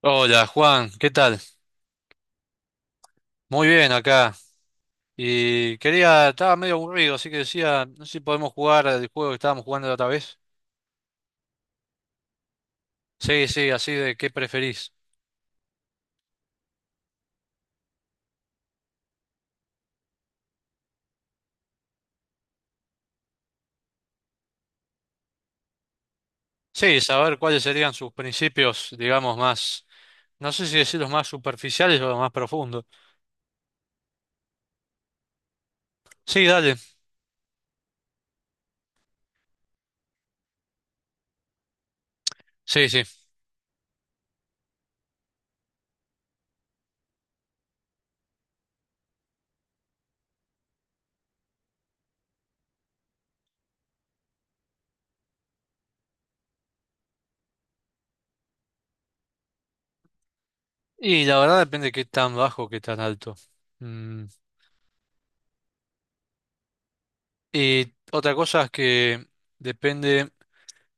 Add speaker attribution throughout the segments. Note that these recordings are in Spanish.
Speaker 1: Hola Juan, ¿qué tal? Muy bien acá. Y quería, estaba medio aburrido, así que decía, no sé si podemos jugar al juego que estábamos jugando la otra vez. Sí, sí, así de qué preferís. Sí, saber cuáles serían sus principios, digamos, más, no sé si decir los más superficiales o los más profundos. Sí, dale. Sí, sí. Y la verdad depende de qué tan bajo, qué tan alto. Mm, Y otra cosa es que depende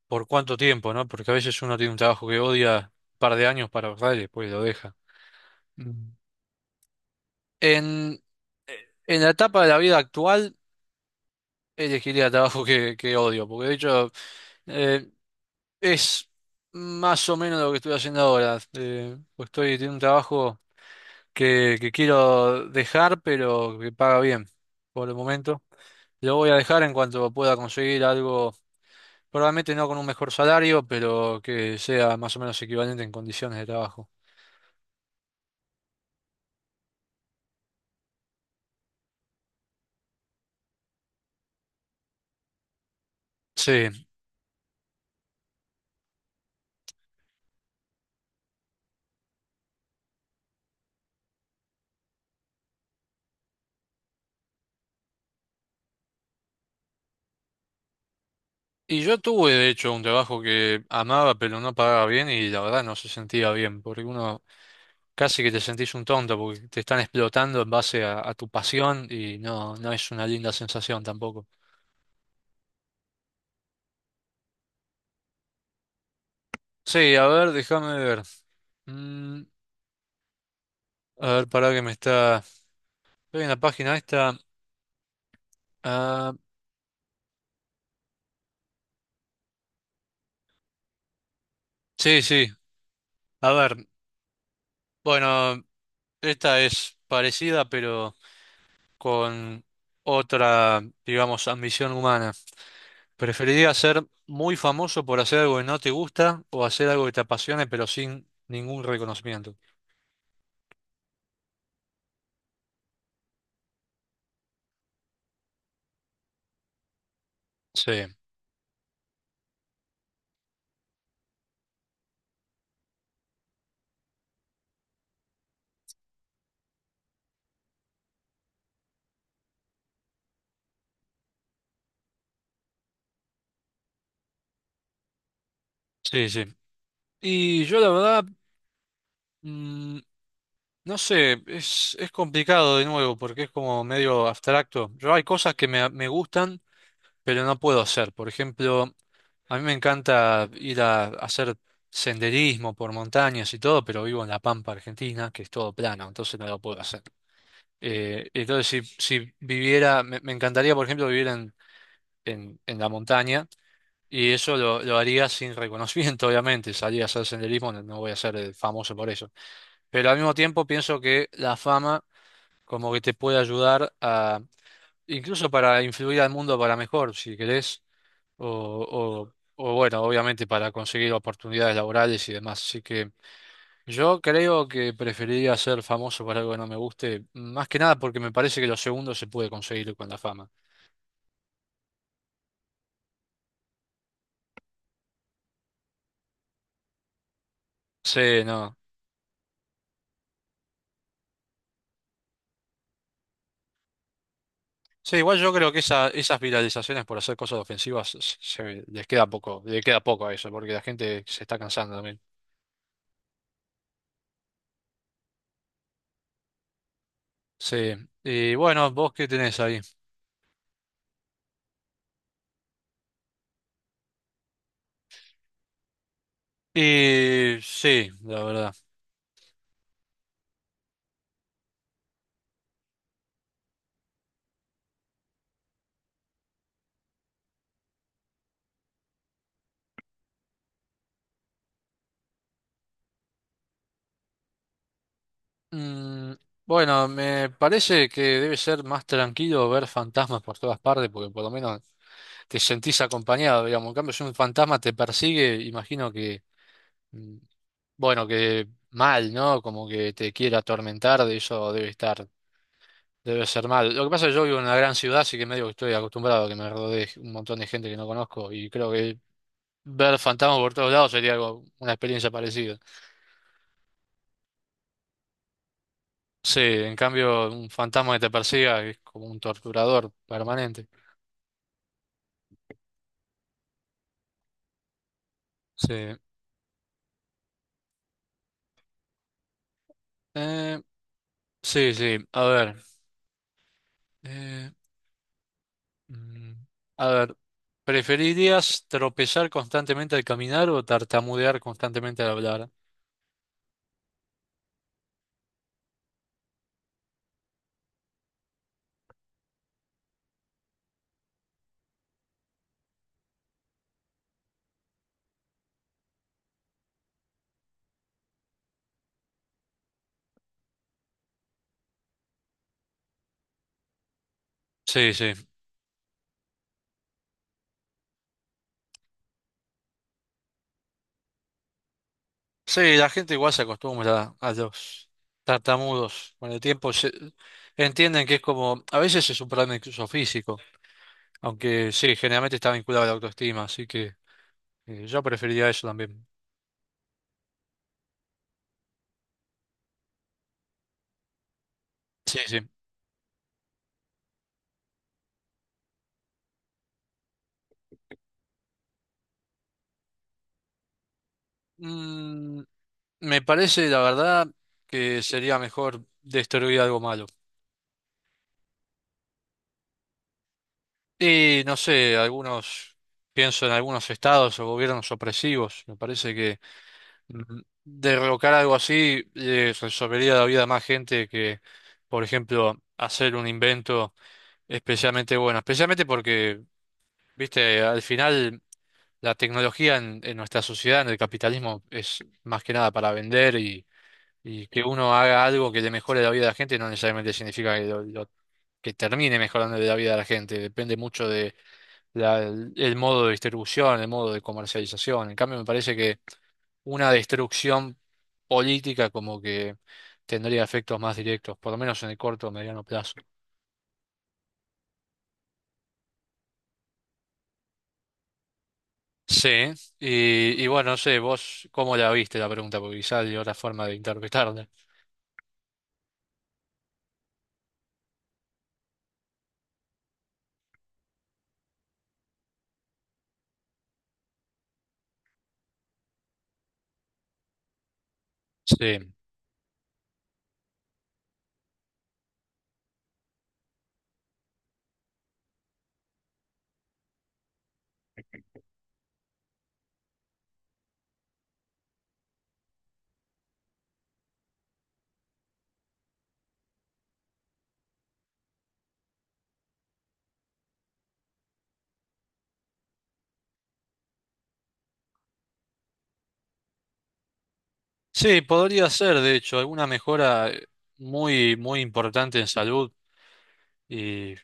Speaker 1: por cuánto tiempo, ¿no? Porque a veces uno tiene un trabajo que odia un par de años para ahorrar y después lo deja. Mm. En, en la etapa de la vida actual, elegiría el trabajo que odio, porque de hecho eh, es más o menos lo que estoy haciendo ahora. Pues estoy en un trabajo que quiero dejar, pero que paga bien por el momento. Lo voy a dejar en cuanto pueda conseguir algo, probablemente no con un mejor salario, pero que sea más o menos equivalente en condiciones de trabajo. Sí, y yo tuve de hecho un trabajo que amaba pero no pagaba bien y la verdad no se sentía bien, porque uno casi que te sentís un tonto porque te están explotando en base a tu pasión y no, no es una linda sensación tampoco. Sí, a ver, déjame ver. Mm, a ver, pará que me está... Estoy en la página esta. Ah, sí, sí. A ver, bueno, esta es parecida pero con otra, digamos, ambición humana. ¿Preferirías ser muy famoso por hacer algo que no te gusta o hacer algo que te apasione pero sin ningún reconocimiento? Sí, sí, sí. Y yo la verdad... Mm, no sé, es complicado de nuevo porque es como medio abstracto. Yo hay cosas que me gustan, pero no puedo hacer. Por ejemplo, a mí me encanta ir a, hacer senderismo por montañas y todo, pero vivo en La Pampa, Argentina, que es todo plano, entonces no lo puedo hacer. Entonces, si viviera, me encantaría, por ejemplo, vivir en, en la montaña y eso lo haría sin reconocimiento, obviamente. Salir a hacer senderismo, no no voy a ser famoso por eso. Pero al mismo tiempo pienso que la fama como que te puede ayudar a, incluso para influir al mundo para mejor, si querés, o, o bueno, obviamente para conseguir oportunidades laborales y demás. Así que yo creo que preferiría ser famoso por algo que no me guste, más que nada porque me parece que lo segundo se puede conseguir con la fama. Sí, no. Sí, igual yo creo que esa, esas viralizaciones por hacer cosas ofensivas se, se- les queda poco, le queda poco a eso, porque la gente se está cansando también. Sí, y bueno, ¿vos qué tenés ahí? Y sí, la verdad. Mm, bueno, me parece que debe ser más tranquilo ver fantasmas por todas partes, porque por lo menos te sentís acompañado, digamos. En cambio, si un fantasma te persigue, imagino que, mm, bueno, que mal, ¿no? Como que te quiera atormentar, de eso debe estar, debe ser mal. Lo que pasa es que yo vivo en una gran ciudad, así que medio que estoy acostumbrado a que me rodee un montón de gente que no conozco, y creo que ver fantasmas por todos lados sería algo, una experiencia parecida. Sí, en cambio, un fantasma que te persiga es como un torturador permanente. Sí. Eh, sí, sí. A ver. eh, mm, a ver. ¿Preferirías tropezar constantemente al caminar o tartamudear constantemente al hablar? Sí, sí. Sí, la gente igual se acostumbra a los tartamudos. Con el tiempo se- entienden que es como, a veces es un problema incluso físico, aunque sí, generalmente está vinculado a la autoestima, así que yo preferiría eso también. Sí, sí. Mm, me parece, la verdad, que sería mejor destruir algo malo. Y no sé, algunos, pienso en algunos estados o gobiernos opresivos. Me parece que derrocar algo así le resolvería la vida a más gente que, por ejemplo, hacer un invento especialmente bueno. Especialmente porque, viste, al final la tecnología en nuestra sociedad, en el capitalismo, es más que nada para vender. Y que uno haga algo que le mejore la vida a la gente no necesariamente significa que, lo- que termine mejorando la vida de la gente. Depende mucho de la- el modo de distribución, el modo de comercialización. En cambio, me parece que una destrucción política como que tendría efectos más directos, por lo menos en el corto o mediano plazo. Sí, y bueno, no sé, vos cómo la viste la pregunta, porque quizás hay otra forma de interpretarla. Sí. Sí, podría ser, de hecho, alguna mejora muy, muy importante en salud. Y,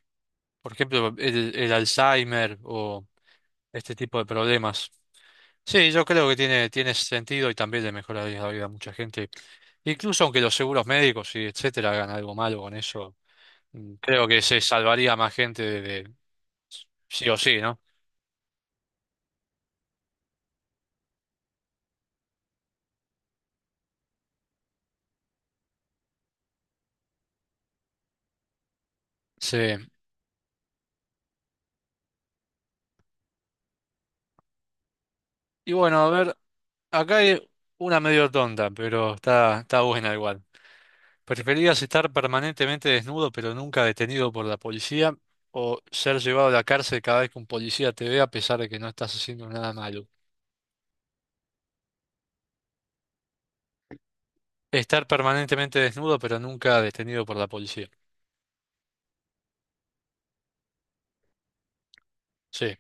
Speaker 1: por ejemplo, el Alzheimer o este tipo de problemas. Sí, yo creo que tiene, tiene sentido y también le mejoraría la vida a mucha gente. Incluso aunque los seguros médicos y etcétera hagan algo malo con eso, creo que se salvaría más gente de- sí o sí, ¿no? Sí. Y bueno, a ver, acá hay una medio tonta, pero está, está buena igual. ¿Preferías estar permanentemente desnudo pero nunca detenido por la policía o ser llevado a la cárcel cada vez que un policía te ve a pesar de que no estás haciendo nada malo? Estar permanentemente desnudo pero nunca detenido por la policía. Sí.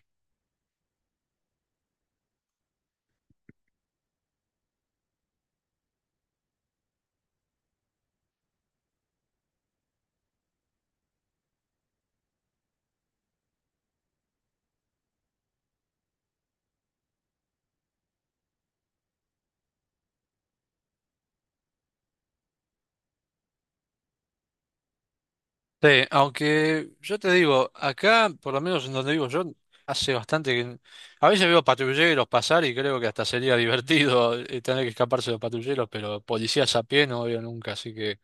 Speaker 1: Sí, aunque yo te digo, acá, por lo menos en donde vivo yo, hace bastante que... A veces veo patrulleros pasar y creo que hasta sería divertido tener que escaparse de los patrulleros, pero policías a pie no veo nunca, así que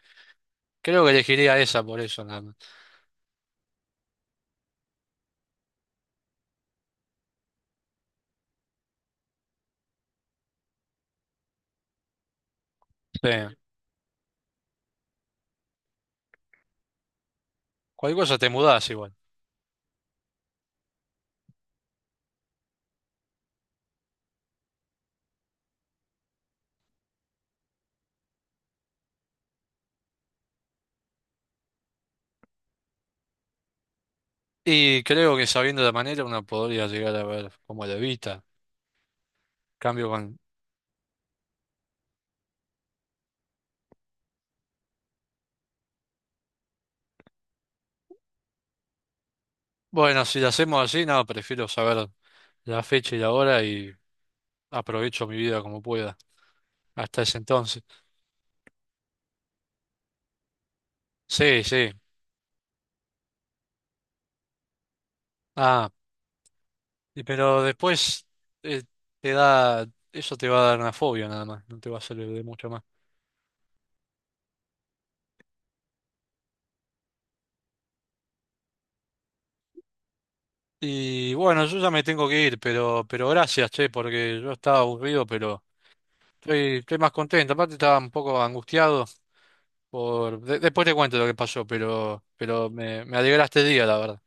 Speaker 1: creo que elegiría esa por eso nada más. Sí. Cualquier cosa te mudás igual. Y creo que sabiendo la manera uno podría llegar a ver cómo lo evita. Cambio con... Bueno, si lo hacemos así, no, prefiero saber la fecha y la hora y aprovecho mi vida como pueda. Hasta ese entonces. Sí, sí. Ah, y pero después eh, te da... Eso te va a dar una fobia nada más, no te va a servir de mucho más. Y bueno, yo ya me tengo que ir, pero gracias, che, porque yo estaba aburrido, pero estoy, estoy más contento. Aparte estaba un poco angustiado. Por... de- después te cuento lo que pasó, pero me alegraste el día, la verdad.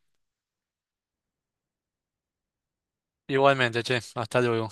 Speaker 1: Igualmente, che, hasta luego.